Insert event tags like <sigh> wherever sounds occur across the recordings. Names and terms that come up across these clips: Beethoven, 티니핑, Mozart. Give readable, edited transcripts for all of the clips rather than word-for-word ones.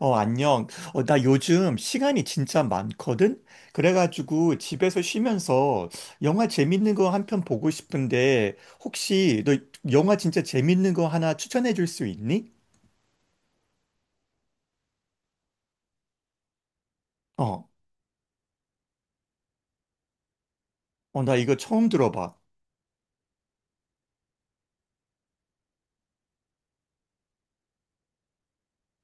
안녕. 나 요즘 시간이 진짜 많거든? 그래가지고 집에서 쉬면서 영화 재밌는 거 한 편 보고 싶은데 혹시 너 영화 진짜 재밌는 거 하나 추천해 줄 수 있니? 어, 나 이거 처음 들어봐.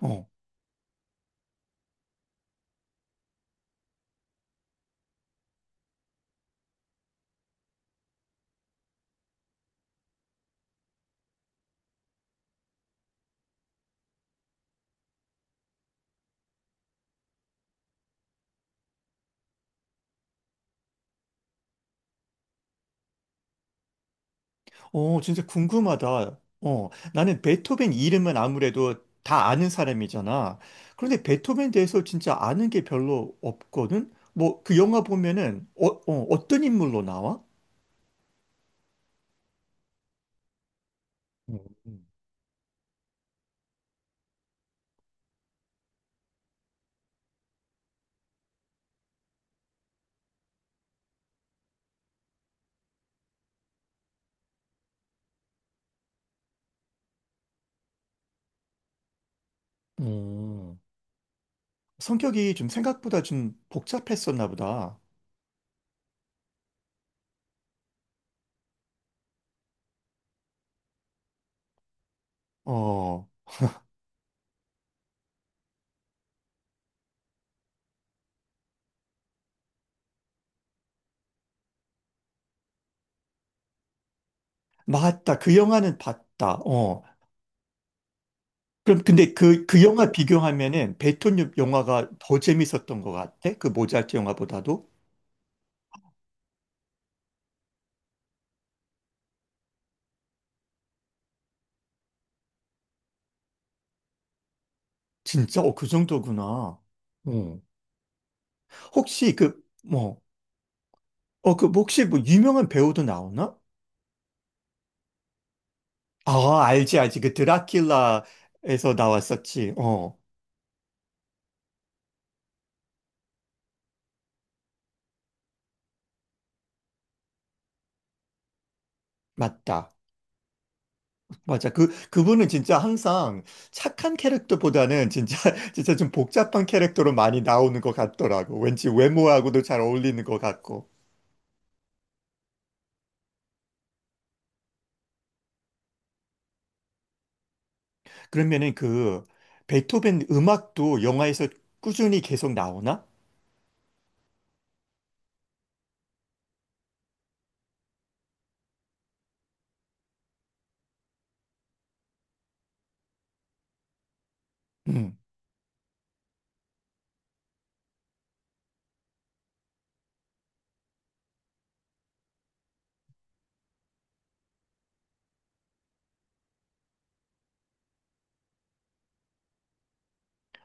어, 진짜 궁금하다. 나는 베토벤 이름은 아무래도 다 아는 사람이잖아. 그런데 베토벤 대해서 진짜 아는 게 별로 없거든? 뭐 그 영화 보면은 어떤 인물로 나와? 음. 음. 성격이 좀 생각보다 좀 복잡했었나 보다. 어, 맞다. 그 영화는 봤다. 어. 그럼 근데 그 영화 비교하면은 베톤 영화가 더 재밌었던 것 같아? 그 모잘트 영화보다도? 진짜? 그 정도구나. 어. 혹시 그, 뭐, 그, 뭐 혹시 뭐 유명한 배우도 나오나? 아, 알지, 알지. 그 드라큘라에서 나왔었지. 어, 맞다. 맞아. 그분은 진짜 항상 착한 캐릭터보다는 진짜, <laughs> 진짜 좀 복잡한 캐릭터로 많이 나오는 것 같더라고. 왠지 외모하고도 잘 어울리는 것 같고. 그러면은 그, 베토벤 음악도 영화에서 꾸준히 계속 나오나? 음.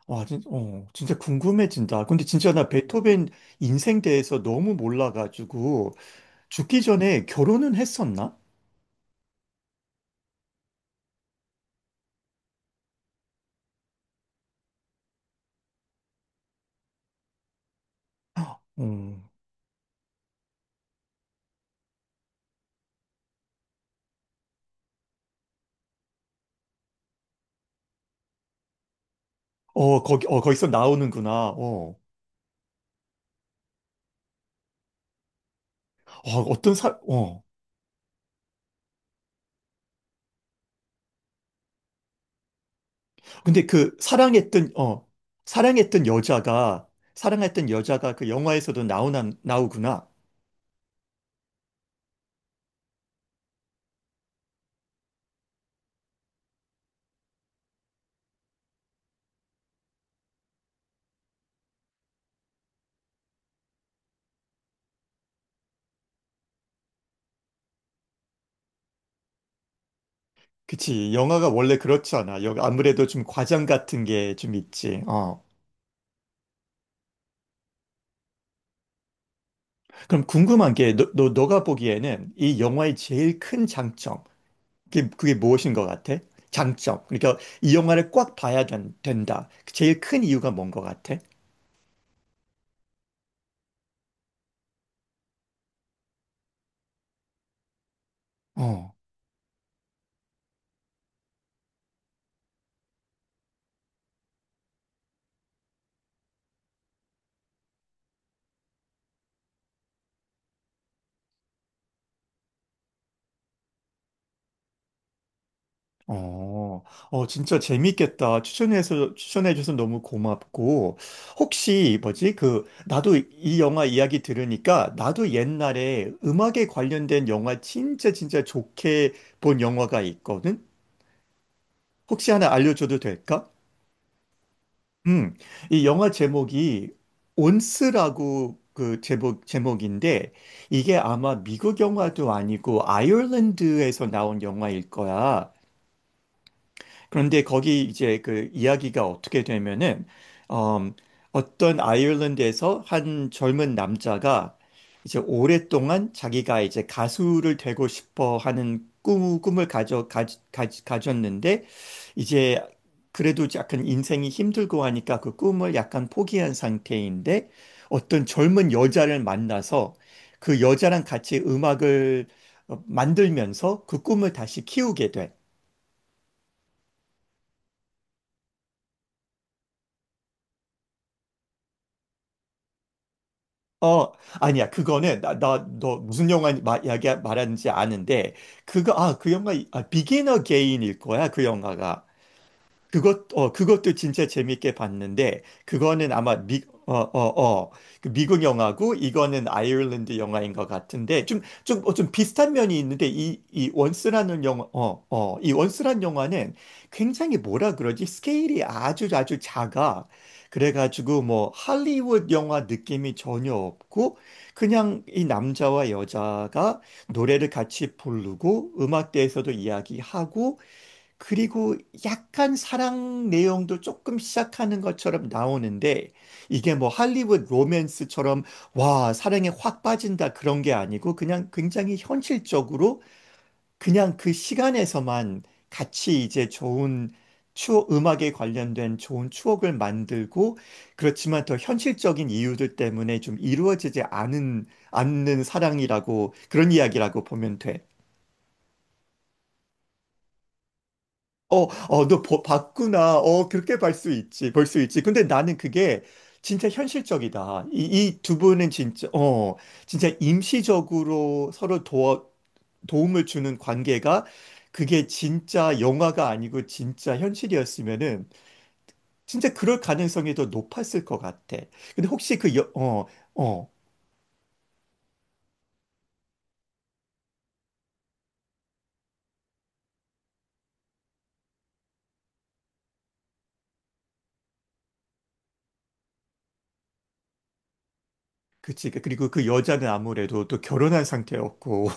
와, 진짜 궁금해진다. 근데 진짜 나 베토벤 인생 대해서 너무 몰라가지고, 죽기 전에 결혼은 했었나? 음. 어, 거기서 나오는구나. 어떤 사, 어. 근데 사랑했던 여자가 사랑했던 여자가 그 영화에서도 나오나 나오구나. 그치. 영화가 원래 그렇잖아. 여기 아무래도 좀 과장 같은 게 좀 있지. 어. 그럼 궁금한 게 너가 보기에는 이 영화의 제일 큰 장점. 그게 무엇인 것 같아? 장점. 그러니까 이 영화를 꽉 봐야 된다. 제일 큰 이유가 뭔 것 같아? 어. 어, 진짜 재밌겠다. 추천해줘서 너무 고맙고. 혹시, 뭐지, 그, 나도 이 영화 이야기 들으니까, 나도 옛날에 음악에 관련된 영화 진짜 진짜 좋게 본 영화가 있거든? 혹시 하나 알려줘도 될까? 음, 이 영화 제목이 온스라고 제목인데, 이게 아마 미국 영화도 아니고, 아일랜드에서 나온 영화일 거야. 그런데 거기 이제 그 이야기가 어떻게 되면은 어, 어떤 아일랜드에서 한 젊은 남자가 이제 오랫동안 자기가 이제 가수를 되고 싶어 하는 꿈, 꿈을 가져, 가, 가, 가졌는데 이제 그래도 약간 인생이 힘들고 하니까 그 꿈을 약간 포기한 상태인데 어떤 젊은 여자를 만나서 그 여자랑 같이 음악을 만들면서 그 꿈을 다시 키우게 돼. 어, 아니야. 그거는 너 무슨 영화 마, 이야기 말하는지 아는데 그거 아, 그 영화 아, 비기너 게인일 거야. 그 영화가. 그것도 진짜 재밌게 봤는데, 그거는 아마 미, 어, 어, 어, 그 미국 영화고, 이거는 아일랜드 영화인 것 같은데, 좀 비슷한 면이 있는데, 이 원스라는 영화, 이 원스란 영화는 굉장히 뭐라 그러지? 스케일이 아주 아주 작아. 그래가지고, 뭐, 할리우드 영화 느낌이 전혀 없고, 그냥 이 남자와 여자가 노래를 같이 부르고, 음악대에서도 이야기하고, 그리고 약간 사랑 내용도 조금 시작하는 것처럼 나오는데 이게 뭐 할리우드 로맨스처럼 와, 사랑에 확 빠진다 그런 게 아니고 그냥 굉장히 현실적으로 그냥 그 시간에서만 같이 이제 좋은 추억, 음악에 관련된 좋은 추억을 만들고 그렇지만 더 현실적인 이유들 때문에 좀 않는 사랑이라고 그런 이야기라고 보면 돼. 어, 어, 봤구나. 어, 그렇게 볼 수 있지. 볼 수 있지. 근데 나는 그게 진짜 현실적이다. 이 두 분은 진짜, 어, 진짜 임시적으로 도움을 주는 관계가 그게 진짜 영화가 아니고 진짜 현실이었으면은 진짜 그럴 가능성이 더 높았을 것 같아. 근데 혹시 어, 그치. 그리고 그 여자는 아무래도 또 결혼한 상태였고.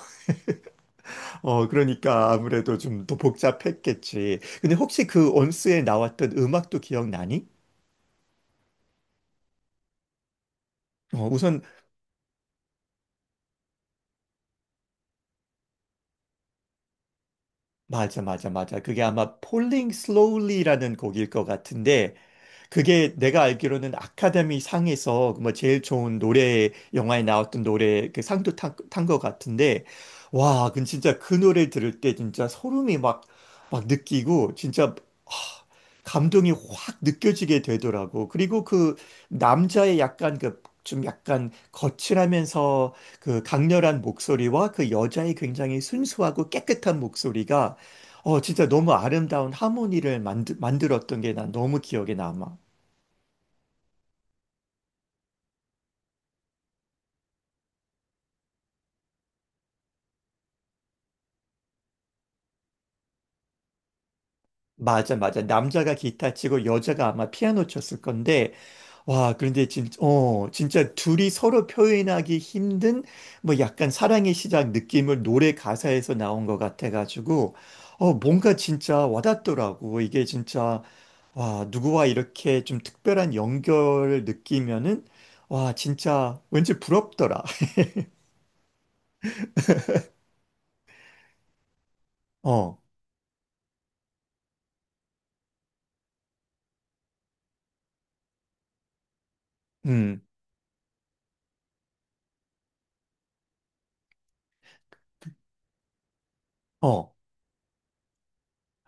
어, 그러니까 아무래도 좀 더 복잡했겠지. 근데 혹시 그 온스에 나왔던 음악도 기억나니? 어, 우선 맞아 맞아 맞아. 그게 아마 Falling Slowly라는 곡일 것 같은데 그게 내가 알기로는 아카데미 상에서 뭐 제일 좋은 노래, 영화에 나왔던 노래 그 상도 탄것 같은데, 와, 그 진짜 그 노래 들을 때 진짜 소름이 막, 막 느끼고, 진짜, 하, 감동이 확 느껴지게 되더라고. 그리고 그 남자의 약간 그, 좀 약간 거칠하면서 그 강렬한 목소리와 그 여자의 굉장히 순수하고 깨끗한 목소리가 어, 진짜 너무 아름다운 하모니를 만들었던 게 난 너무 기억에 남아. 맞아, 맞아. 남자가 기타 치고 여자가 아마 피아노 쳤을 건데, 와, 그런데 진짜 둘이 서로 표현하기 힘든 뭐 약간 사랑의 시작 느낌을 노래 가사에서 나온 것 같아가지고, 어, 뭔가 진짜 와닿더라고. 이게 진짜, 와, 누구와 이렇게 좀 특별한 연결을 느끼면은, 와, 진짜 왠지 부럽더라. <laughs> 어, 음, 어.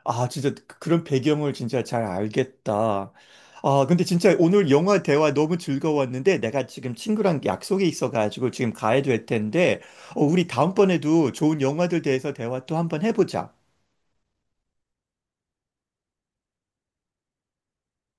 아, 진짜 그런 배경을 진짜 잘 알겠다. 아, 근데 진짜 오늘 영화 대화 너무 즐거웠는데 내가 지금 친구랑 약속이 있어가지고 지금 가야 될 텐데 어, 우리 다음번에도 좋은 영화들 대해서 대화 또 한번 해보자.